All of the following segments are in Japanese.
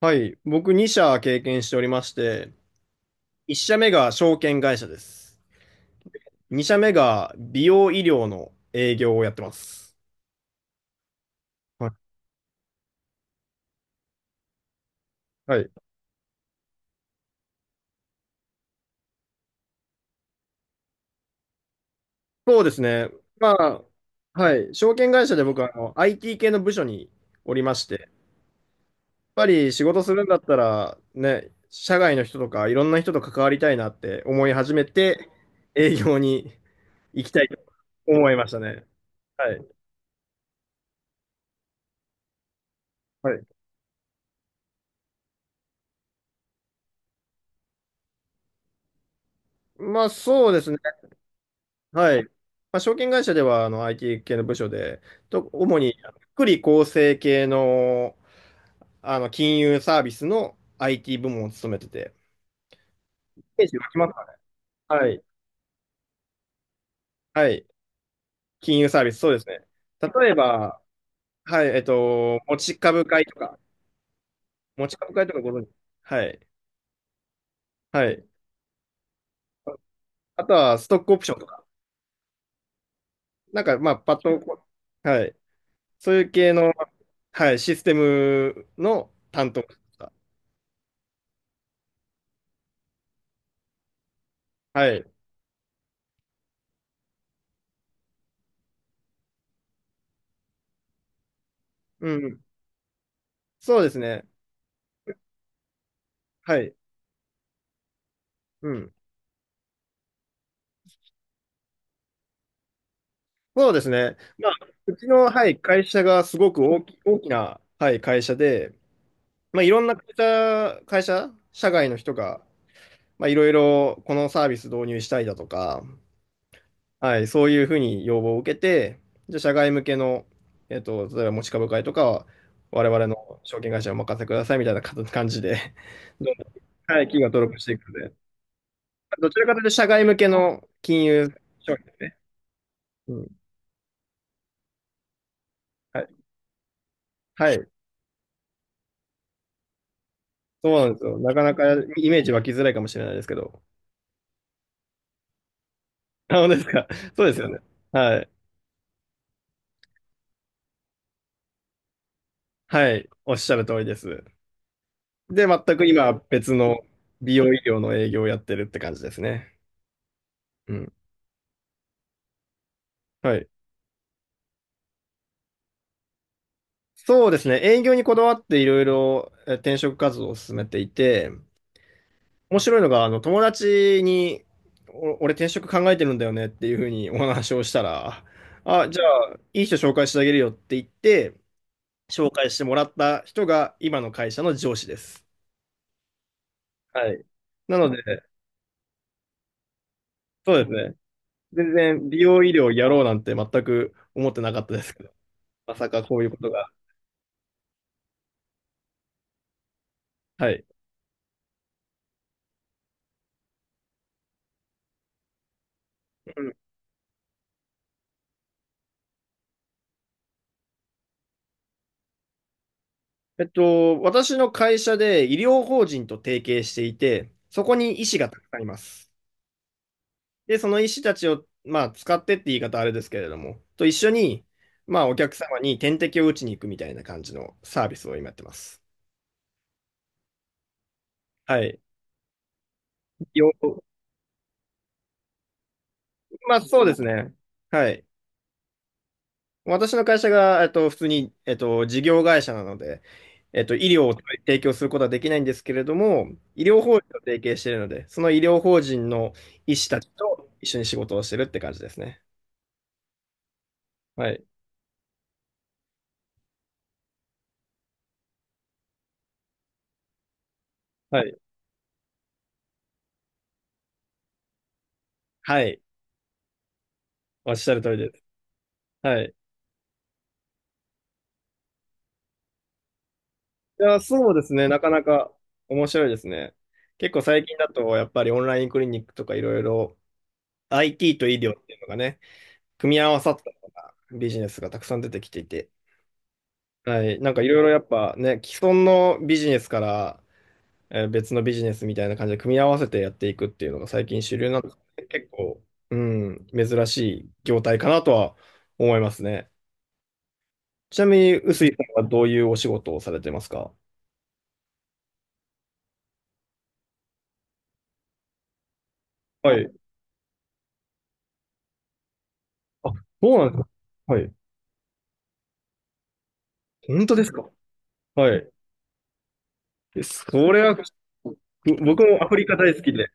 はい。僕2社経験しておりまして、1社目が証券会社です。2社目が美容医療の営業をやってます。はい。はい。そうですね。まあ、はい。証券会社で僕はIT 系の部署におりまして、やっぱり仕事するんだったら、ね、社外の人とかいろんな人と関わりたいなって思い始めて、営業に行きたいと思いましたね。はい。はい。まあそうですね。はい。まあ、証券会社ではIT 系の部署で、主に福利厚生系の、あの金融サービスの IT 部門を務めてて。イメージ湧きますかね？はい。はい。金融サービス、そうですね。例えば、はい、持ち株会とか、持ち株会とかご存知？はい。はい。あとは、ストックオプションとか、なんか、まあ、パッとこう、はい。そういう系の、はい、システムの担当とか。はい。うん。そうですね。はい。うん。そうですね。まあ、うちの、はい、会社がすごく大きな、はい、会社で、まあ、いろんな会社、会社、社外の人が、まあ、いろいろこのサービス導入したいだとか、はい、そういうふうに要望を受けて、じゃあ社外向けの、例えば持ち株会とかは、我々の証券会社にお任せくださいみたいなか感じで、どんどん、はい、企業が登録していくので、どちらかというと社外向けの金融商品ですね。うん。はい。はい。そうなんですよ。なかなかイメージ湧きづらいかもしれないですけど。あ、本当ですか？そうですよね。はい。はい。おっしゃる通りです。で、全く今、別の美容医療の営業をやってるって感じですね。うん。はい。そうですね。営業にこだわっていろいろ転職活動を進めていて、面白いのが、あの、友達に、俺転職考えてるんだよねっていうふうにお話をしたら、あ、じゃあ、いい人紹介してあげるよって言って、紹介してもらった人が今の会社の上司です。はい。なので、そうですね。全然美容医療やろうなんて全く思ってなかったですけど、まさかこういうことが。はい。うん、私の会社で医療法人と提携していて、そこに医師がたくさんいます。で、その医師たちを、まあ、使ってって言い方はあれですけれども、と一緒に、まあ、お客様に点滴を打ちに行くみたいな感じのサービスを今やってます。はい。よ、まあ、そうですね。はい。私の会社が、普通に、事業会社なので、医療を提供することはできないんですけれども、医療法人と提携しているので、その医療法人の医師たちと一緒に仕事をしてるって感じですね。はい。はい。はい。おっしゃる通りです。はい。いや、そうですね。なかなか面白いですね。結構最近だと、やっぱりオンラインクリニックとかいろいろ IT と医療っていうのがね、組み合わさったようなビジネスがたくさん出てきていて、はい。なんかいろいろやっぱね、既存のビジネスから、別のビジネスみたいな感じで組み合わせてやっていくっていうのが最近主流なんで、結構、うん、珍しい業態かなとは思いますね。ちなみに、臼井さんはどういうお仕事をされてますか？はい。あ、そうなんですか。はい。本当ですか？はい。えそれは、ぶ僕もアフリカ大好きで。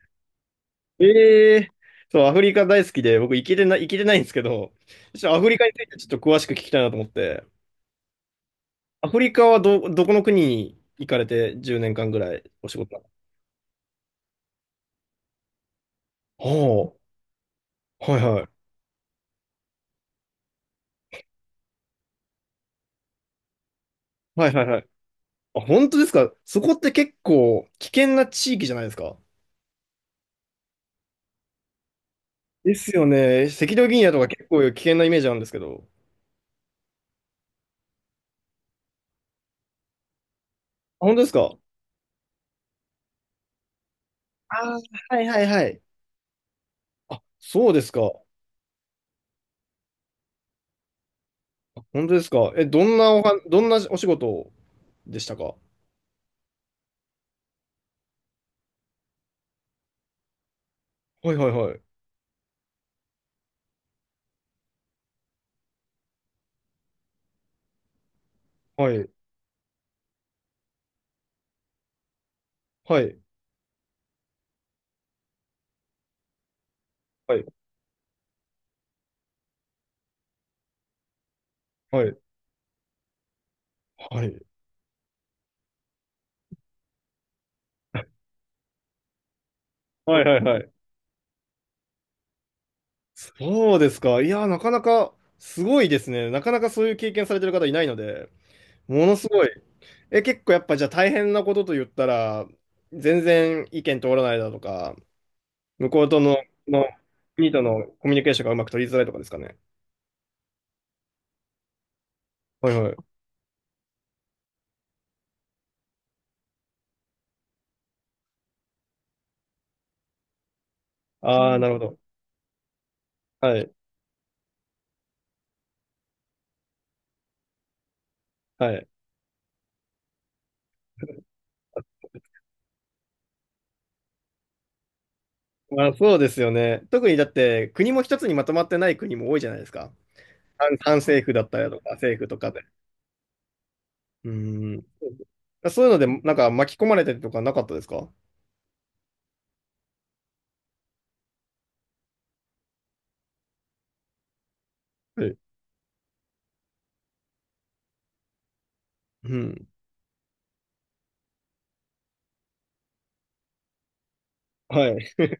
ええ、そう、アフリカ大好きで、僕行けてないんですけど、ちょっとアフリカについてちょっと詳しく聞きたいなと思って。アフリカはどこの国に行かれて10年間ぐらいお仕事なの？おー、はいはい。はいはいはい。あ、本当ですか？そこって結構危険な地域じゃないですか？ですよね。赤道ギニアとか結構危険なイメージあるんですけど。あ、本当ですか？あー、はいはいはい。あ、そうですか。あ、本当ですか？え、どんなお仕事でしたか？はいはいはい。はい。はい。はい。はい。はい。はい。はい。はい。はい。そうですか。いや、なかなかすごいですね。なかなかそういう経験されてる方いないので、ものすごい。え、結構やっぱじゃあ大変なことと言ったら、全然意見通らないだとか、向こうとの、の国とのコミュニケーションがうまく取りづらいとかですかね。はいはい。ああ、なるほど。はい。はい。まあ、そうですよね。特にだって国も一つにまとまってない国も多いじゃないですか。反政府だったりだとか、政府とかで。うーん。そういうので、なんか巻き込まれたりとかなかったですか？はい、うん、はい。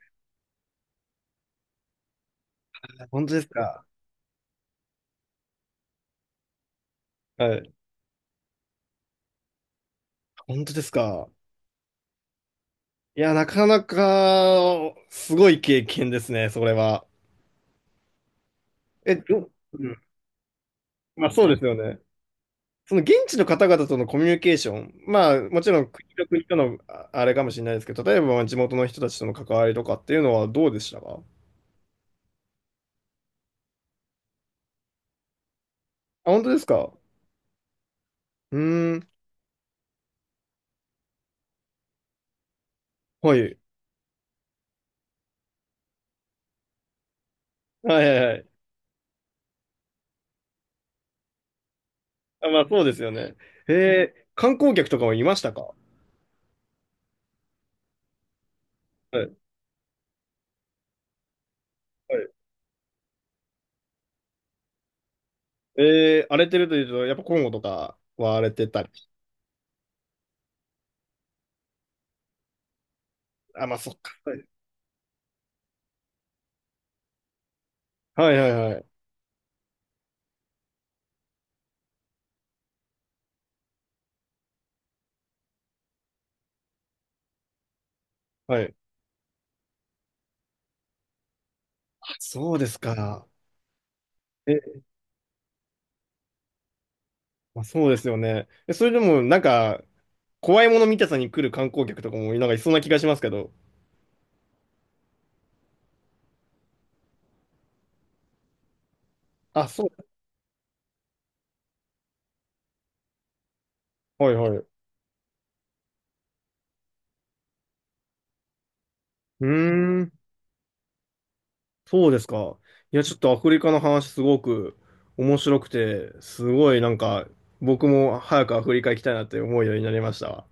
本当ですか？はい。本当ですか？いや、なかなか、すごい経験ですね、それは。うん。まあそうですよね。その現地の方々とのコミュニケーション、まあもちろん国と国とのああれかもしれないですけど、例えば地元の人たちとの関わりとかっていうのはどうでしたか？あ、本当ですか？うーん、はい。はいはいはい。あ、まあそうですよね。へえ、観光客とかもいましたか？はい、はい。えー、荒れてるというと、やっぱコンゴとかは荒れてたり。あ、まあ、そっか。はいはいはいはい。はい。そうですか。え、まあ、そうですよね。え、それでも、なんか、怖いもの見たさに来る観光客とかも、なんかいそうな気がしますけど。あ、そう。はいはい。うーん、そうですか。いや、ちょっとアフリカの話すごく面白くて、すごいなんか、僕も早くアフリカ行きたいなって思うようになりましたわ。